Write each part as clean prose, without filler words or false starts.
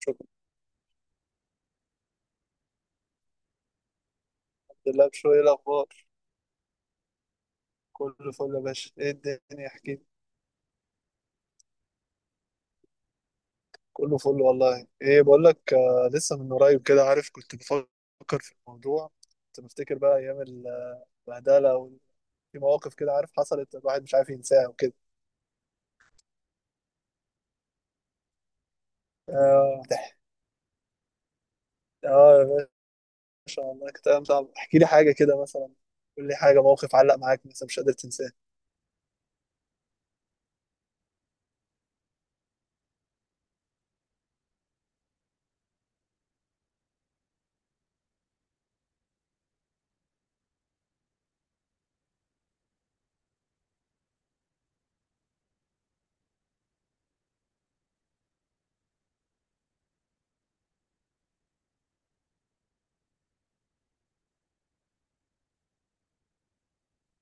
شكرا لله بشوية. إيه الأخبار؟ كله فل يا باشا. إيه الدنيا؟ احكي لي. كله فل والله. إيه بقول لك، لسه من قريب كده، عارف، كنت بفكر في الموضوع. كنت بفتكر بقى أيام البهدلة، وفي مواقف كده عارف حصلت، الواحد مش عارف ينساها وكده. آه تح- آه، يا باشا، والله كانت أيام صعبة. احكي لي حاجة كده مثلا، قول لي حاجة، موقف علق معاك مثلا مش قادر تنساه.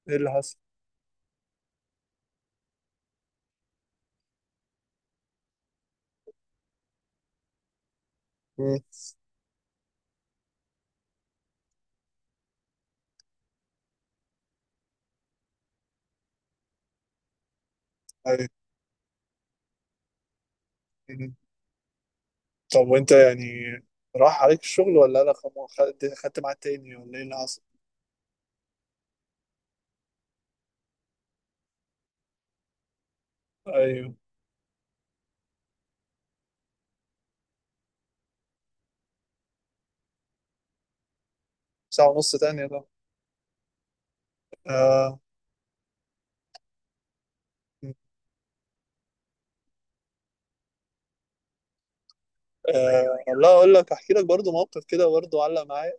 إيه اللي حصل؟ مم. أيوة. مم. طب وأنت يعني، راح عليك الشغل ولا لا، خدت ميعاد تاني ولا إيه اللي حصل؟ ايوه. ساعة ونص تانية ده. آه. آه. لا، اقول لك احكي لك برضو موقف كده برضو علق معايا.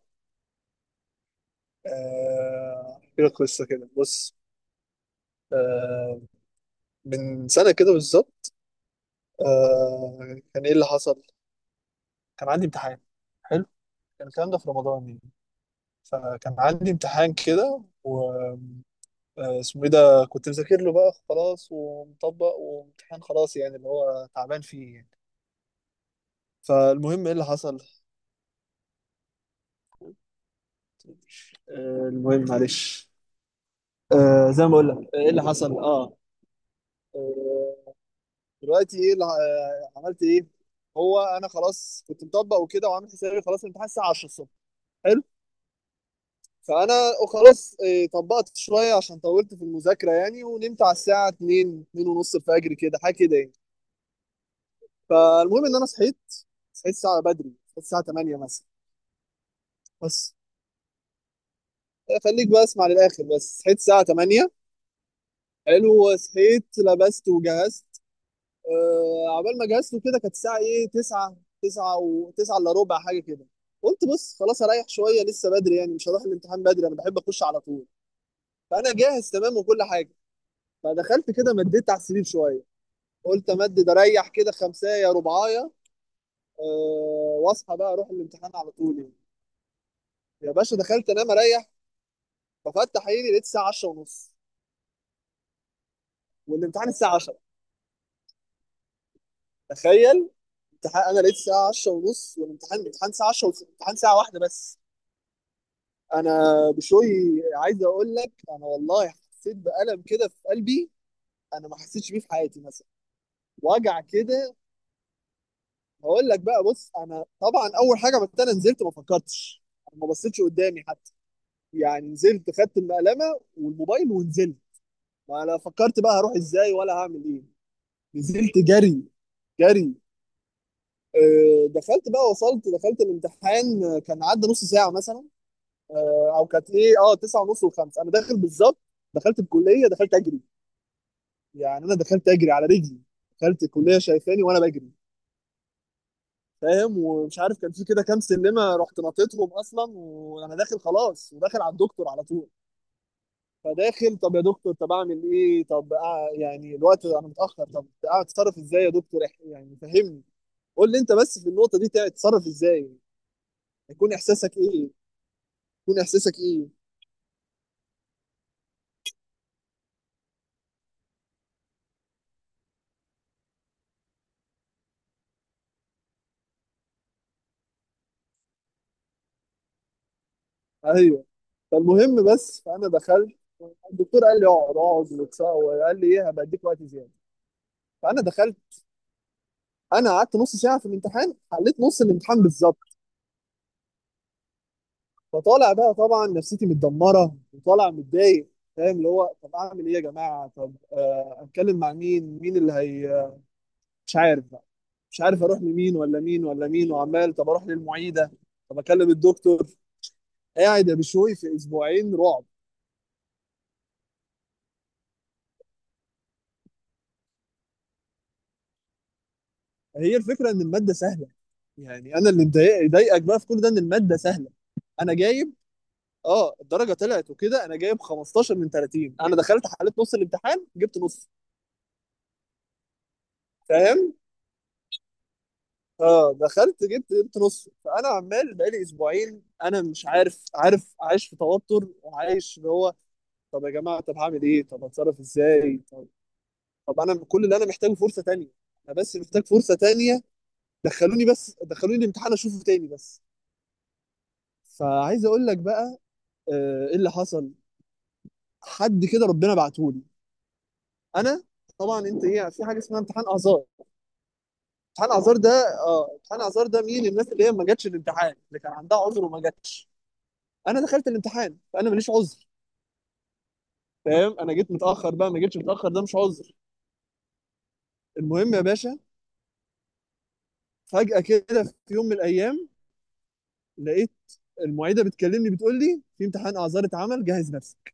آه. احكي لك قصة كده، بص. آه. من سنة كده بالظبط. آه. كان ايه اللي حصل، كان عندي امتحان. حلو. كان الكلام ده في رمضان يعني، فكان عندي امتحان كده، و اسمه ايه ده، كنت مذاكر له بقى خلاص ومطبق، وامتحان خلاص يعني اللي هو تعبان فيه يعني. فالمهم ايه اللي حصل. آه، المهم معلش. زي ما بقول لك، ايه اللي حصل آه، دلوقتي ايه اللي عملت ايه. هو انا خلاص كنت مطبق وكده، وعامل حسابي خلاص الامتحان الساعه 10 الصبح. حلو. فانا خلاص طبقت شويه عشان طولت في المذاكره يعني، ونمت على الساعه 2، 2 ونص الفجر كده، حاجه كده يعني. فالمهم ان انا صحيت، صحيت الساعه بدري، صحيت الساعه 8 مثلا. بس خليك بقى اسمع للاخر. بس صحيت الساعه 8. حلو. صحيت لبست وجهزت. عقبال ما جهزته كده كانت الساعه ايه، 9، 9 و9 الا ربع حاجه كده. قلت بص خلاص اريح شويه، لسه بدري يعني، مش هروح الامتحان بدري، انا بحب اخش على طول. فانا جاهز تمام وكل حاجه. فدخلت كده، مديت على السرير شويه. قلت امدد اريح كده خمسايه رباعيه. واصحى بقى اروح الامتحان على طول يعني. يا باشا، دخلت انام اريح. ففتح عيني لقيت الساعه 10 ونص، والامتحان الساعه 10. تخيل، امتحان، انا لقيت الساعه 10 ونص والامتحان، امتحان الساعه 10، والامتحان ساعه واحده بس. انا بشوي عايز اقول لك، انا والله حسيت بألم كده في قلبي، انا ما حسيتش بيه في حياتي مثلا. وجع كده. هقول لك بقى، بص، انا طبعا اول حاجه، بس انا نزلت ما فكرتش. أنا ما بصيتش قدامي حتى، يعني نزلت، خدت المقلمه والموبايل ونزلت. ما انا فكرت بقى هروح ازاي ولا هعمل ايه، نزلت جري، جري. دخلت بقى، وصلت دخلت الامتحان، كان عدى نص ساعه مثلا، او كانت ايه، 9 ونص وخمس انا داخل بالظبط. دخلت الكليه، دخلت اجري، يعني انا دخلت اجري على رجلي. دخلت الكليه شايفاني وانا بجري، فاهم، ومش عارف كان في كده كام سلمه، رحت نطيتهم اصلا وانا داخل خلاص، وداخل على الدكتور على طول. فداخل، طب يا دكتور، طب اعمل ايه، طب يعني الوقت انا متاخر، طب اتصرف ازاي يا دكتور، يعني فهمني. قول لي انت بس، في النقطه دي تتصرف ازاي، يكون احساسك ايه، يكون احساسك ايه. ايوه. فالمهم بس فانا دخلت، الدكتور قال لي اقعد اقعد، وقال لي ايه، هبقى اديك وقت زياده. فانا دخلت، انا قعدت نص ساعه في الامتحان، حليت نص الامتحان بالظبط. فطالع بقى طبعا نفسيتي متدمره، وطالع متضايق، فاهم، اللي هو طب اعمل ايه يا جماعه، طب اتكلم مع مين اللي هي، مش عارف بقى، مش عارف اروح لمين ولا مين ولا مين، وعمال طب اروح للمعيده، طب اكلم الدكتور. قاعد يا بشوي في اسبوعين رعب. هي الفكره ان الماده سهله، يعني انا اللي ضايقك بقى في كل ده، ان الماده سهله. انا جاي، اه الدرجه طلعت وكده، انا جايب 15 من 30، انا دخلت حليت نص الامتحان جبت نص، فاهم. اه دخلت جبت نص. فانا عمال بقالي اسبوعين انا مش عارف، عارف عايش في توتر، وعايش اللي هو، طب يا جماعه، طب هعمل ايه، طب هتصرف ازاي، طب، طب انا كل اللي انا محتاجه فرصه تانية، انا بس محتاج فرصه تانية، دخلوني بس، دخلوني الامتحان اشوفه تاني بس. فعايز اقول لك بقى، ايه اللي حصل، حد كده ربنا بعتهولي. انا طبعا، انت ايه، في حاجه اسمها امتحان اعذار. امتحان اعذار ده، اه امتحان اعذار ده، مين الناس اللي هي ما جاتش الامتحان، اللي كان عندها عذر وما جاتش. انا دخلت الامتحان، فانا ماليش عذر، فاهم، انا جيت متاخر بقى، ما جيتش متاخر ده مش عذر. المهم يا باشا، فجاه كده في يوم من الايام، لقيت المعيده بتكلمني، بتقول لي في امتحان اعذار اتعمل، جهز نفسك.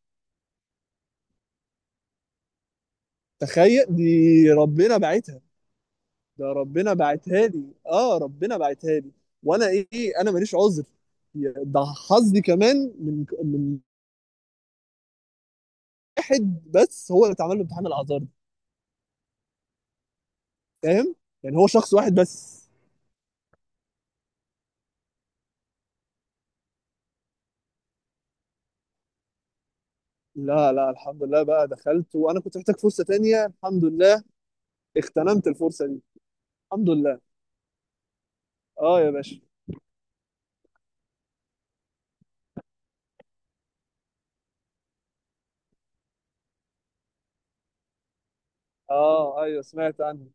تخيل دي، ربنا بعتها. ده ربنا بعتها لي، اه ربنا بعتها لي، وانا ايه، انا ماليش عذر، ده حظي كمان، من واحد بس هو اللي اتعمل له امتحان الاعذار، فاهم، يعني هو شخص واحد بس. لا لا، الحمد لله بقى دخلت، وانا كنت محتاج فرصة تانية، الحمد لله اغتنمت الفرصة دي، الحمد لله. اه يا باشا. اه. ايوه، سمعت عنه.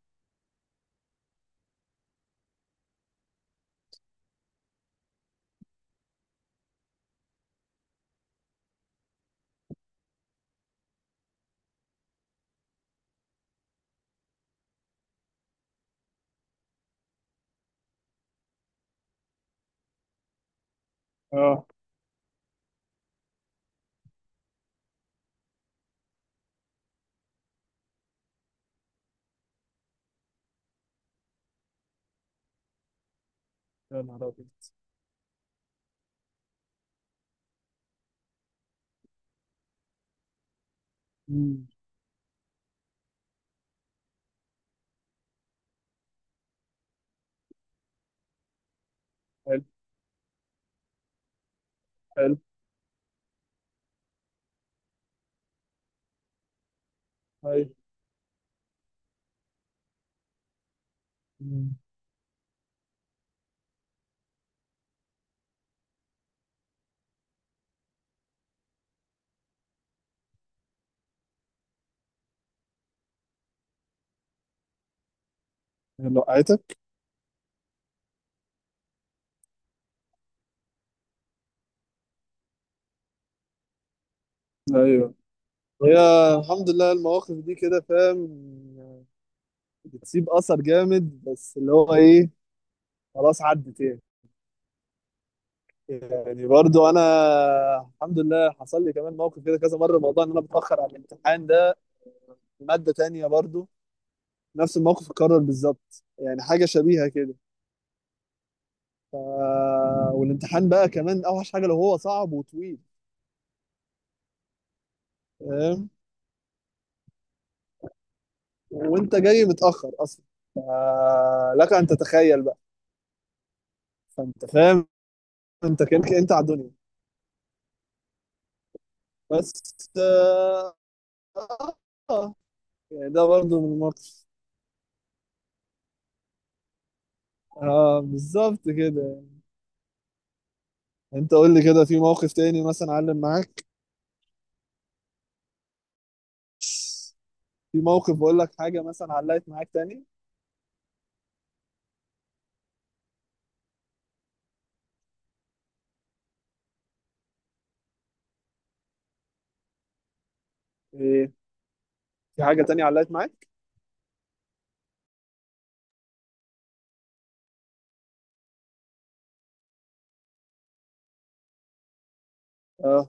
اه. يا نهار ابيض. أمم. حلو حلو. ايوه. أمم. يلا وقعتك. ايوه. هي الحمد لله. المواقف دي كده، فاهم، بتسيب اثر جامد، بس اللي هو ايه، خلاص عدت يعني. يعني برضو انا الحمد لله حصل لي كمان موقف كده كذا مره، موضوع ان انا بتاخر على الامتحان ده. مادة تانية برضو، نفس الموقف اتكرر بالظبط يعني، حاجة شبيهة كده. ف... والامتحان بقى كمان اوحش حاجة لو هو صعب وطويل. فاهم، وانت جاي متأخر اصلا، ف... لك ان تتخيل بقى، فانت فاهم، انت كانك انت على الدنيا بس. آه... آه، يعني ده برضو من الموقف. اه بالظبط كده. انت قول لي كده، في موقف تاني مثلا علم معاك، في موقف بقول لك حاجة مثلا علقت معاك تاني، ايه، في حاجة تانية علقت معاك. اه.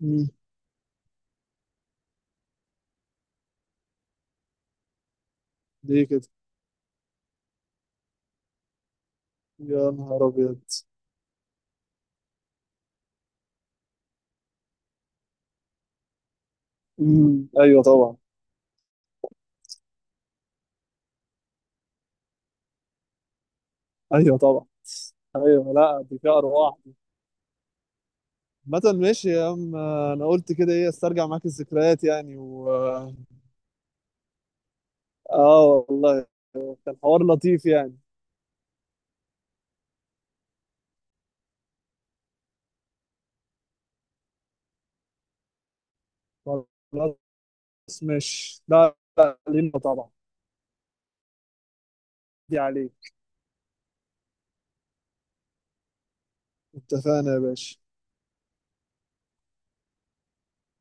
مم. ليه كده. يا نهار ابيض. مم. ايوه طبعا. ايوه طبعا. ايوه، لا دي فيها ارواح. مثلا، ماشي يا عم، انا قلت كده ايه، استرجع معاك الذكريات يعني. و اه، والله كان حوار لطيف يعني. خلاص، ماشي، لا لا، لينا طبعا. دي عليك. اتفقنا يا باشا.